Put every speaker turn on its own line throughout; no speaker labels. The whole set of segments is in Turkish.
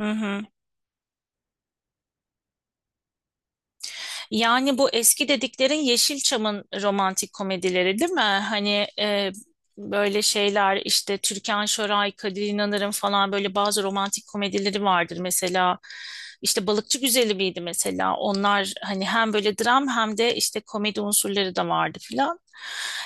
Hı hı. Yani bu eski dediklerin Yeşilçam'ın romantik komedileri değil mi? Hani böyle şeyler işte Türkan Şoray, Kadir İnanır'ın falan böyle bazı romantik komedileri vardır. Mesela işte Balıkçı Güzeli miydi mesela? Onlar hani hem böyle dram hem de işte komedi unsurları da vardı filan.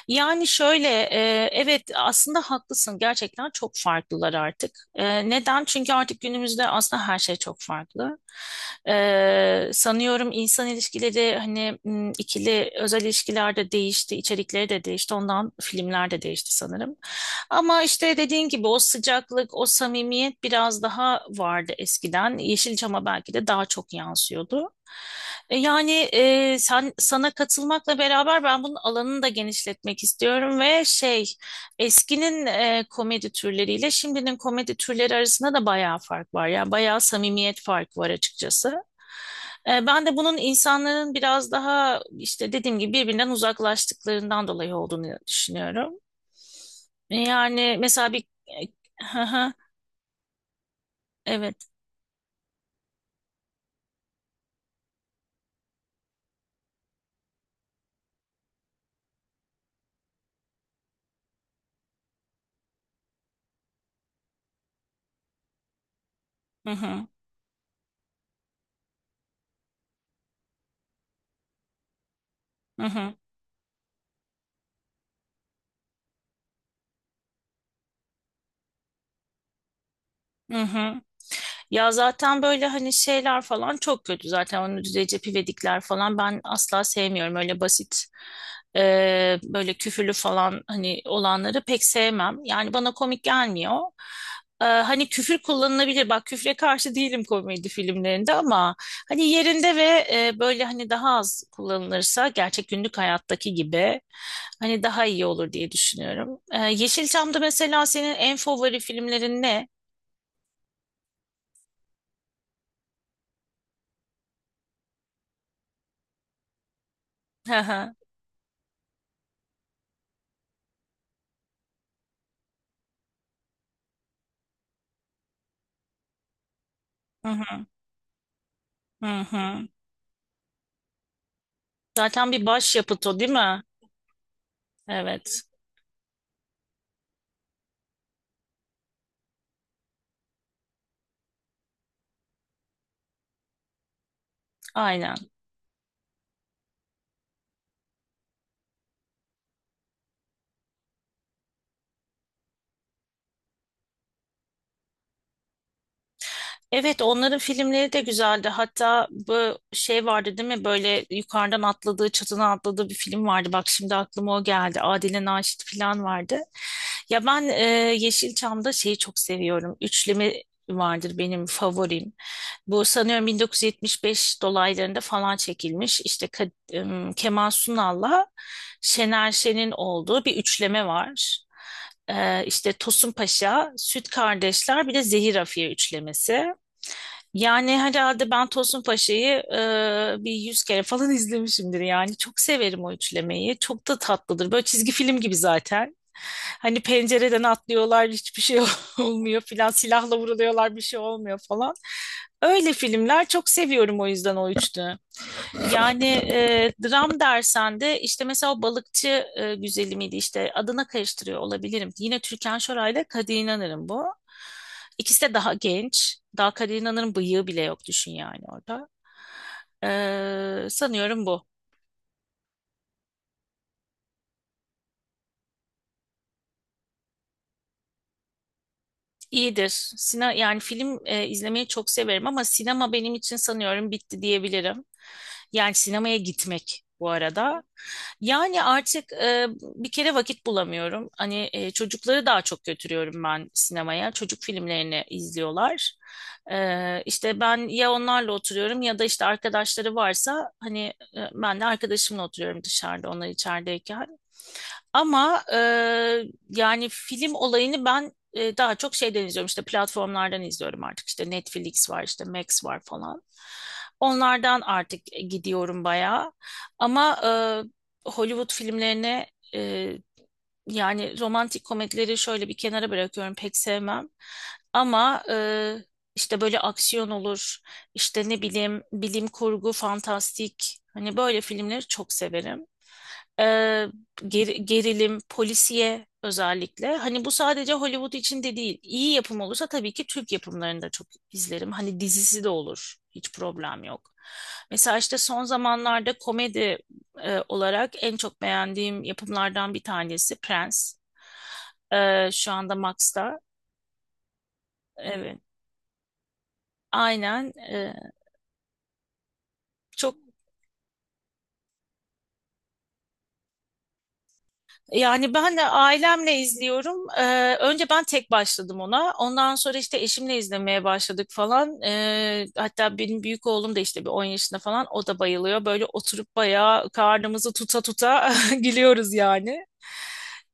Yani şöyle evet aslında haklısın gerçekten çok farklılar artık. Neden? Çünkü artık günümüzde aslında her şey çok farklı. Sanıyorum insan ilişkileri hani ikili özel ilişkilerde değişti, içerikleri de değişti. Ondan filmler de değişti sanırım. Ama işte dediğin gibi o sıcaklık, o samimiyet biraz daha vardı eskiden. Yeşilçam'a belki de daha çok yansıyordu. Yani sen sana katılmakla beraber ben bunun alanını da genişletmek istiyorum ve şey. Eskinin komedi türleriyle şimdinin komedi türleri arasında da bayağı fark var. Yani bayağı samimiyet farkı var açıkçası. Ben de bunun insanların biraz daha işte dediğim gibi birbirinden uzaklaştıklarından dolayı olduğunu düşünüyorum. Yani mesela bir... Evet. Hı hı. Hı hı. Hı hı. Ya zaten böyle hani şeyler falan çok kötü zaten onun Recep İvedikler falan ben asla sevmiyorum öyle basit böyle küfürlü falan hani olanları pek sevmem yani bana komik gelmiyor. Hani küfür kullanılabilir bak küfre karşı değilim komedi filmlerinde ama hani yerinde ve böyle hani daha az kullanılırsa gerçek günlük hayattaki gibi hani daha iyi olur diye düşünüyorum. Yeşilçam'da mesela senin en favori filmlerin ne? Hı hı. Hı hı. Zaten bir başyapıt o değil mi? Evet. Aynen. Evet onların filmleri de güzeldi. Hatta bu şey vardı değil mi? Böyle yukarıdan atladığı, çatına atladığı bir film vardı. Bak şimdi aklıma o geldi. Adile Naşit falan vardı. Ya ben e, Yeşilçam'da şeyi çok seviyorum. Üçleme vardır benim favorim. Bu sanıyorum 1975 dolaylarında falan çekilmiş. İşte Kemal Sunal'la Şener Şen'in olduğu bir üçleme var. İşte Tosun Paşa, Süt Kardeşler bir de Zehir Afiye üçlemesi. Yani herhalde ben Tosun Paşa'yı bir 100 kere falan izlemişimdir yani. Çok severim o üçlemeyi. Çok da tatlıdır. Böyle çizgi film gibi zaten. Hani pencereden atlıyorlar hiçbir şey olmuyor filan. Silahla vuruluyorlar bir şey olmuyor falan. Öyle filmler çok seviyorum o yüzden o üçlü. Yani dram dersen de işte mesela o balıkçı güzeli miydi işte adına karıştırıyor olabilirim. Yine Türkan Şoray ile Kadir İnanır'ın bu. İkisi de daha genç. Daha Kadir İnanır'ın bıyığı bile yok düşün yani orada. Sanıyorum bu. İyidir. Yani film izlemeyi çok severim ama sinema benim için sanıyorum bitti diyebilirim. Yani sinemaya gitmek bu arada. Yani artık bir kere vakit bulamıyorum. Hani çocukları daha çok götürüyorum ben sinemaya. Çocuk filmlerini izliyorlar. İşte ben ya onlarla oturuyorum ya da işte arkadaşları varsa hani ben de arkadaşımla oturuyorum dışarıda onlar içerideyken. Ama yani film olayını ben daha çok şeyden izliyorum. İşte platformlardan izliyorum artık. İşte Netflix var, işte Max var falan. Onlardan artık gidiyorum bayağı. Ama Hollywood filmlerine e, yani romantik komedileri şöyle bir kenara bırakıyorum. Pek sevmem. Ama işte böyle aksiyon olur. işte ne bileyim bilim kurgu, fantastik. Hani böyle filmleri çok severim e, gerilim, polisiye özellikle. Hani bu sadece Hollywood için de değil. İyi yapım olursa tabii ki Türk yapımlarını da çok izlerim. Hani dizisi de olur. Hiç problem yok. Mesela işte son zamanlarda komedi olarak en çok beğendiğim yapımlardan bir tanesi Prens. Şu anda Max'ta. Evet. Aynen. e, çok Yani ben de ailemle izliyorum. Önce ben tek başladım ona. Ondan sonra işte eşimle izlemeye başladık falan. Hatta benim büyük oğlum da işte bir 10 yaşında falan o da bayılıyor. Böyle oturup bayağı karnımızı tuta tuta gülüyoruz yani.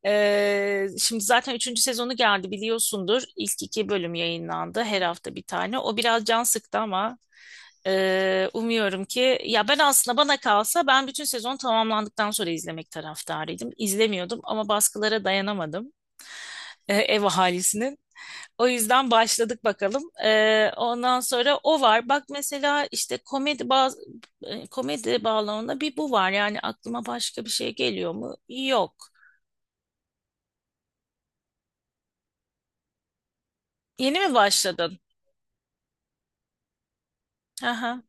Şimdi zaten üçüncü sezonu geldi biliyorsundur. İlk iki bölüm yayınlandı. Her hafta bir tane. O biraz can sıktı ama umuyorum ki ya ben aslında bana kalsa ben bütün sezon tamamlandıktan sonra izlemek taraftarıydım. İzlemiyordum ama baskılara dayanamadım ev ahalisinin. O yüzden başladık bakalım. Ondan sonra o var. Bak mesela işte komedi bağlamında bir bu var. Yani aklıma başka bir şey geliyor mu? Yok. Yeni mi başladın? Aha.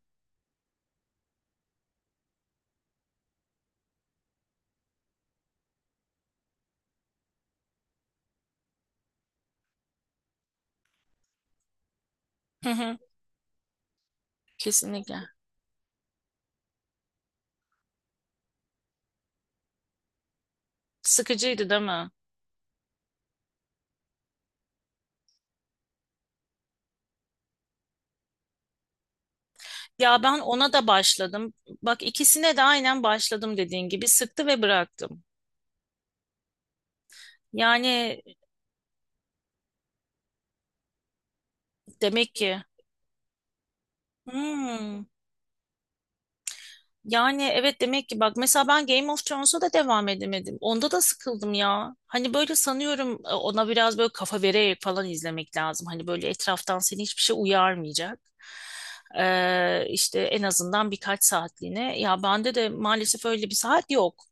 Hı hı. Kesinlikle. Sıkıcıydı değil mi? Ya ben ona da başladım. Bak ikisine de aynen başladım dediğin gibi sıktı ve bıraktım. Yani demek ki hmm. Yani evet demek ki bak mesela ben Game of Thrones'a da devam edemedim. Onda da sıkıldım ya. Hani böyle sanıyorum ona biraz böyle kafa vererek falan izlemek lazım. Hani böyle etraftan seni hiçbir şey uyarmayacak. İşte en azından birkaç saatliğine. Ya bende de maalesef öyle bir saat yok.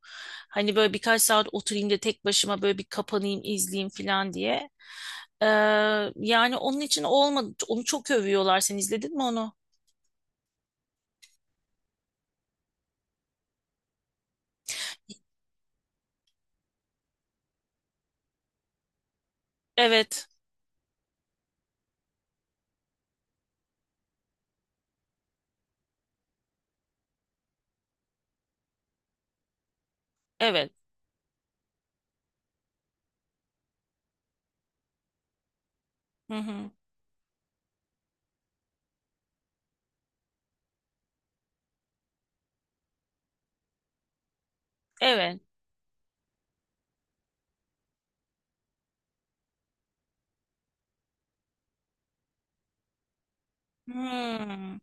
Hani böyle birkaç saat oturayım da tek başıma böyle bir kapanayım izleyeyim falan diye. Ee, Yani onun için olmadı. Onu çok övüyorlar. Sen izledin mi onu? Evet. Evet. Hı hı. Evet. Hmm.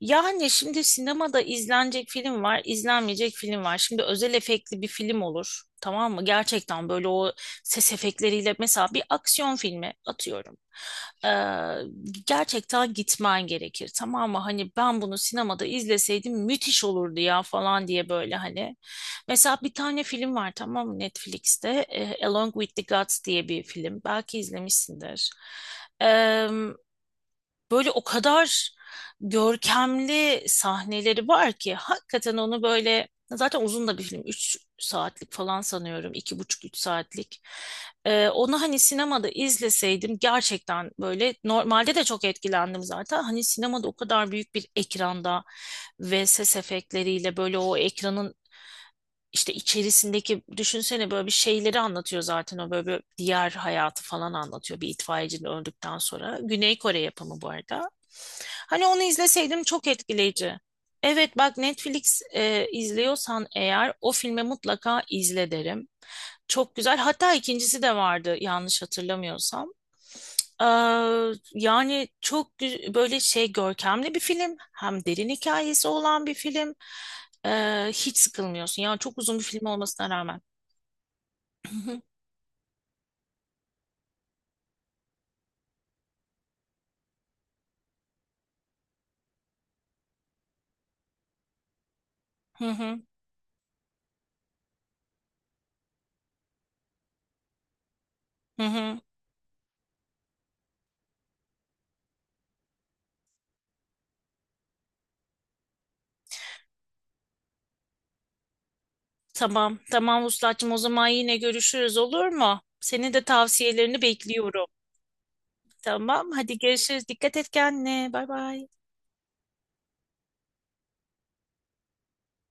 Yani şimdi sinemada izlenecek film var, izlenmeyecek film var. Şimdi özel efektli bir film olur. Tamam mı? Gerçekten böyle o ses efektleriyle mesela bir aksiyon filmi atıyorum. Ee, Gerçekten gitmen gerekir. Tamam mı? Hani ben bunu sinemada izleseydim müthiş olurdu ya falan diye böyle hani. Mesela bir tane film var tamam mı Netflix'te. Along with the Gods diye bir film. Belki izlemişsindir. Böyle o kadar görkemli sahneleri var ki hakikaten onu böyle zaten uzun da bir film 3 saatlik falan sanıyorum iki buçuk üç saatlik. Onu hani sinemada izleseydim gerçekten böyle normalde de çok etkilendim zaten hani sinemada o kadar büyük bir ekranda ve ses efektleriyle böyle o ekranın işte içerisindeki düşünsene böyle bir şeyleri anlatıyor zaten o böyle bir diğer hayatı falan anlatıyor bir itfaiyecinin öldükten sonra. Güney Kore yapımı bu arada. Hani onu izleseydim çok etkileyici. Evet bak Netflix izliyorsan eğer o filmi mutlaka izle derim. Çok güzel. Hatta ikincisi de vardı yanlış hatırlamıyorsam. Ee, Yani çok böyle şey görkemli bir film. Hem derin hikayesi olan bir film. Hiç sıkılmıyorsun. Yani çok uzun bir film olmasına rağmen. Hı hı, hı hı. hı. Tamam, tamam Vuslat'cığım o zaman yine görüşürüz olur mu? Senin de tavsiyelerini bekliyorum. Tamam, hadi görüşürüz. Dikkat et kendine. Bay bay.